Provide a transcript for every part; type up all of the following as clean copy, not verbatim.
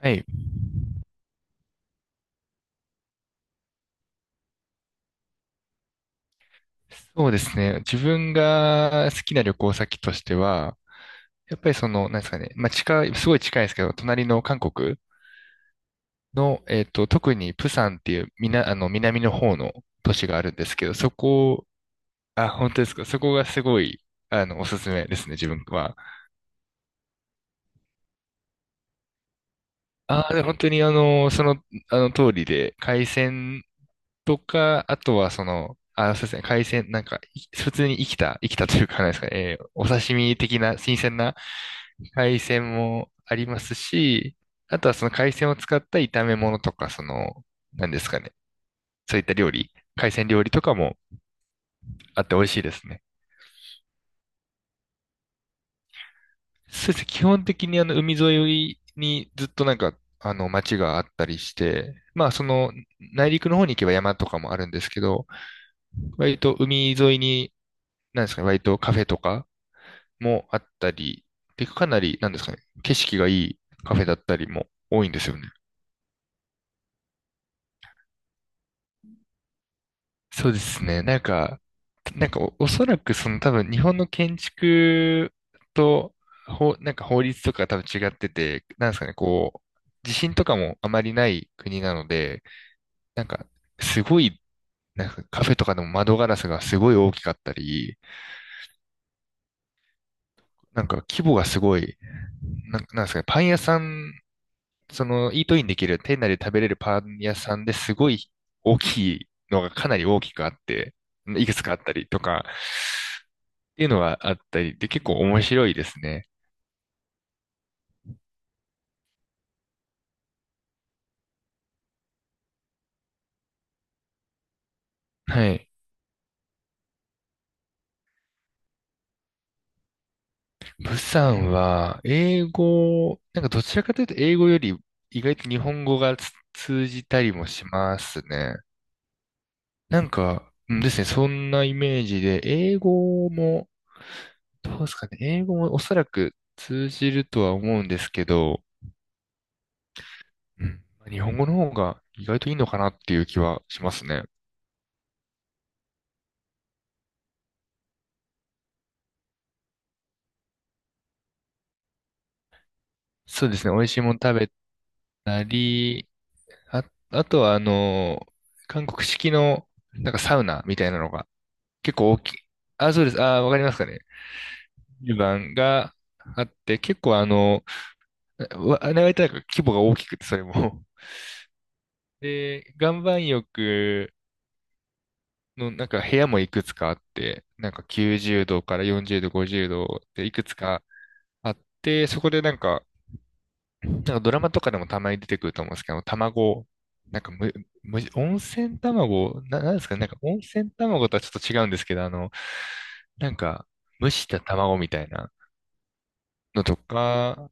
はい。そうですね。自分が好きな旅行先としては、やっぱりなんですかね。まあ、近い、すごい近いですけど、隣の韓国の、特にプサンっていう、南の方の都市があるんですけど、そこ、あ、本当ですか。そこがすごい、おすすめですね、自分は。ああ、本当にあの通りで、海鮮とか、あとはあ、そうですね、海鮮、普通に生きたというか、なんですかね、お刺身的な新鮮な海鮮もありますし、あとはその海鮮を使った炒め物とか、その、なんですかね、そういった料理、海鮮料理とかもあって美味しいですね。そうですね、基本的に海沿いにずっと町があったりして、内陸の方に行けば山とかもあるんですけど、割と海沿いに、なんですかね、割とカフェとかもあったり、で、かなり、なんですかね、景色がいいカフェだったりも多いんですよね。そうですね。おそらくその多分日本の建築と、なんか法律とか多分違ってて、なんですかね、こう、地震とかもあまりない国なので、なんか、すごい、なんかカフェとかでも窓ガラスがすごい大きかったり、なんか規模がすごい、なん、なんですかね、パン屋さん、イートインできる、店内で食べれるパン屋さんですごい大きいのがかなり大きくあって、いくつかあったりとか、っていうのがあったりで、結構面白いですね。はい。ブさんは、英語、なんかどちらかというと英語より意外と日本語が通じたりもしますね。そんなイメージで、英語も、どうですかね、英語もおそらく通じるとは思うんですけど、うん。日本語の方が意外といいのかなっていう気はしますね。そうですね。美味しいもの食べたり、あ、あとは韓国式のなんかサウナみたいなのが結構大きい。あ、そうです。あ、わかりますかね。湯番があって、結構あれはなんか規模が大きくて、それも。で、岩盤浴のなんか部屋もいくつかあって、なんか90度から40度、50度でいくつかあって、そこでなんかドラマとかでもたまに出てくると思うんですけど、卵、なんかむ、む、温泉卵、な、なんですかね、なんか温泉卵とはちょっと違うんですけど、なんか、蒸した卵みたいなのとか、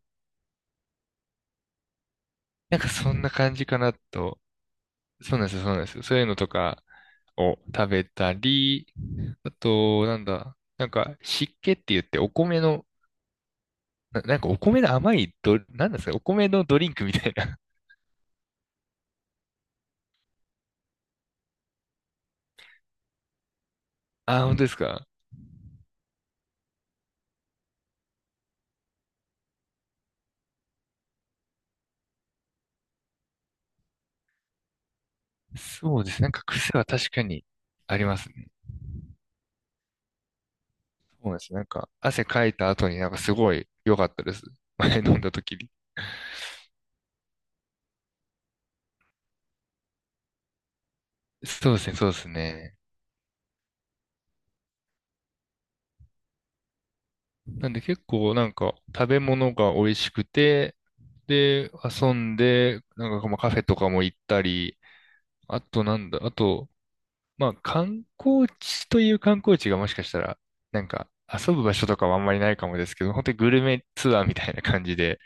なんかそんな感じかなと。そうなんですよ、そうなんですよ。そういうのとかを食べたり、あと、なんだ、なんか湿気って言ってお米の、なんかお米の甘いド、なんですか、お米のドリンクみたいな。あー、本当ですか。そうです。なんか癖は確かにありますね。そうなんです。なんか、汗かいた後になんかすごい良かったです。前飲んだ時に。そうですね、そうですね。なんで結構なんか食べ物が美味しくて、で、遊んで、なんかまあカフェとかも行ったり、あとなんだ、あと、まあ観光地という観光地がもしかしたら、なんか遊ぶ場所とかはあんまりないかもですけど、本当にグルメツアーみたいな感じで、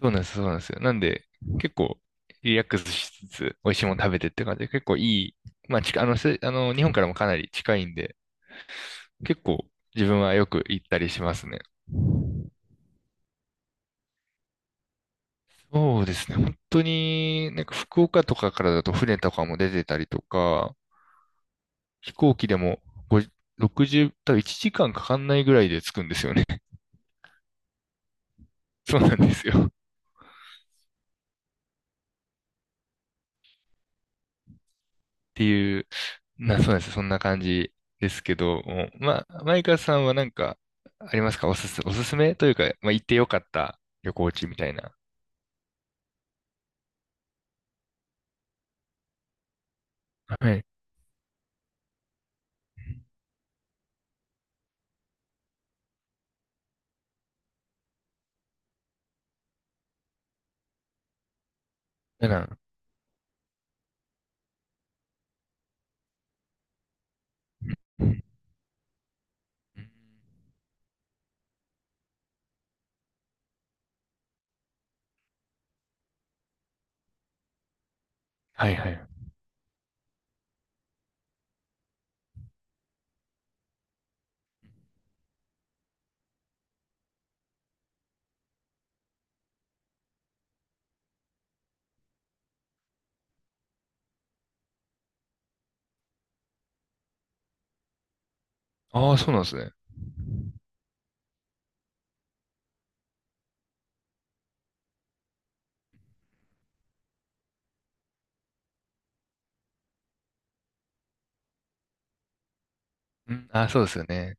そうなんです、そうなんですよ。なんで、結構、リラックスしつつ、美味しいもの食べてって感じで、結構いい、まあ、近あの、せあの、日本からもかなり近いんで、結構、自分はよく行ったりしますね。そうですね。本当に、なんか福岡とかからだと船とかも出てたりとか、飛行機でも5、60、多分1時間かんかかんないぐらいで着くんですよね。そうなんですよ。っていう、な、そうなんです。そんな感じですけど、もうまあ、マイカさんはなんか、ありますか、おすすめというか、まあ、行ってよかった旅行地みたいな。はい。だから、うんうん、はいはい。ああ、そうなんですね。うん、ああ、そうですよね。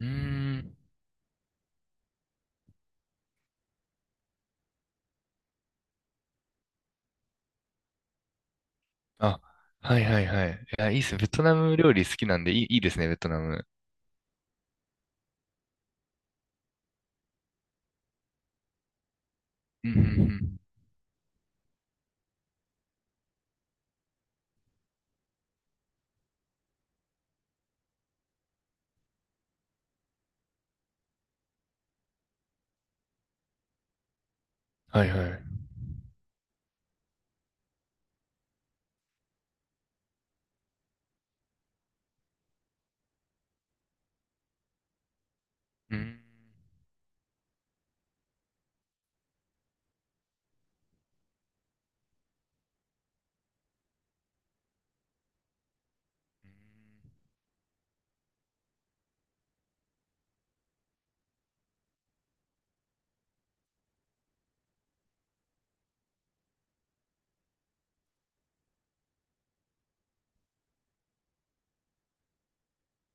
うーん。あ、はいはいはい。いや、いいっすね。ベトナム料理好きなんで、いい、いいですね、ベトナム。うんうんうん。はいはい。うん。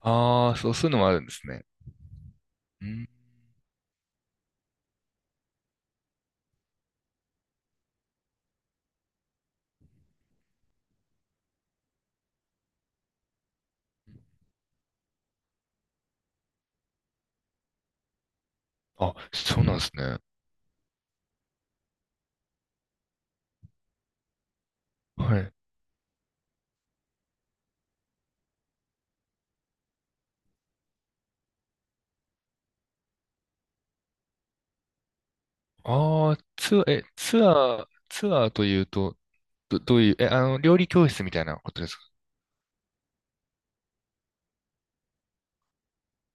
ああ、そう、そういうのもあるんですね。うん。あ、そうなんですね。はい。ああ、ツアー、え、ツアーというと、どういう、え、あの、料理教室みたいなことですか？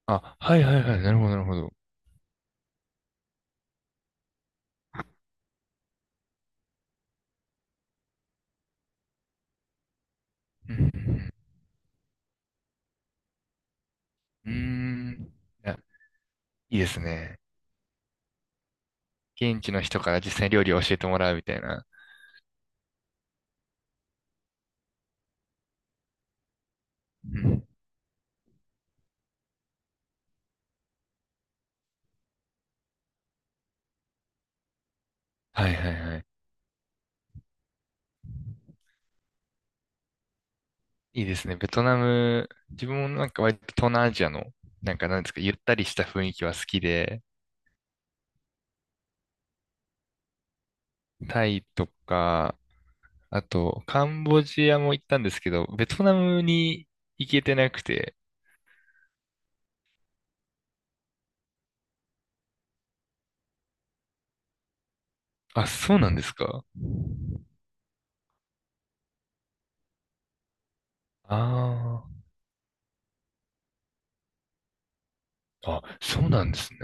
あ、はいはいはい、なるほど、なるほど。うんうんうん、うーん、いや、いいですね。現地の人から実際に料理を教えてもらうみたいな。うん、はいはいはい。いいですね。ベトナム、自分もなんか割と東南アジアの、なんかなんですか、ゆったりした雰囲気は好きで、タイとか、あと、カンボジアも行ったんですけど、ベトナムに行けてなくて、あ、そうなんですか。ああ、あ、そうなんですね。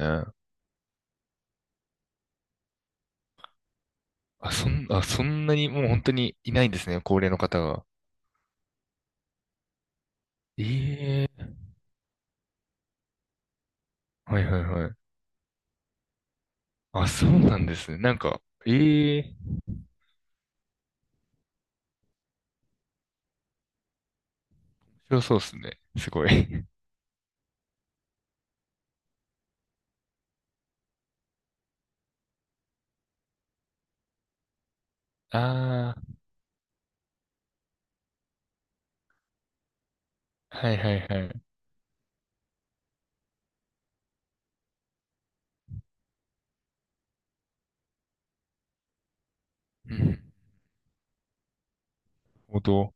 あ、そん、あ、そんなにもう本当にいないんですね、高齢の方が。ええ、はいはいはい。あ、そうなんですね。なんか、ええ、面白そうですね。すごい。ああ、はいはいはい。うん。なるほど。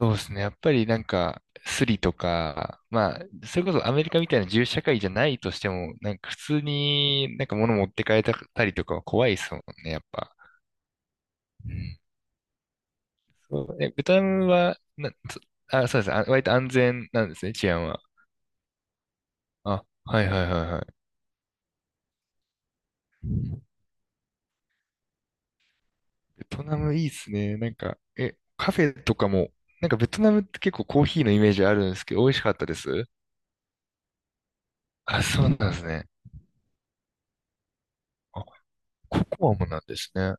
そうですね。やっぱりなんか、スリとか、まあ、それこそアメリカみたいな自由社会じゃないとしても、なんか普通になんか物持って帰ったりとかは怖いですもんね、やっぱ。うん、そうえ、ベトナムは、な、そあ、そうです。あ、割と安全なんですね、治安は。あ、はいはいはいはい。ベトナムいいっすね。なんか、え、カフェとかも、なんかベトナムって結構コーヒーのイメージあるんですけど、美味しかったです。あ、そうなんですね。あ、ココアもなんですね。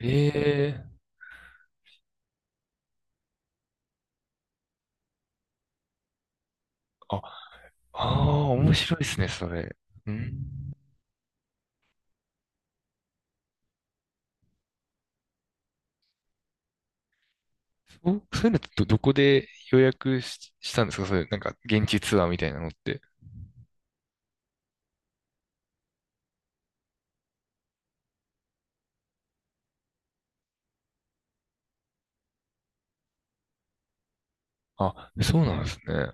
ええ、あ、ああ、面白いですね、それ。うん。そう、そういうのってこで予約し、したんですか、そういう、なんか、現地ツアーみたいなのって。あ、そうなんですね。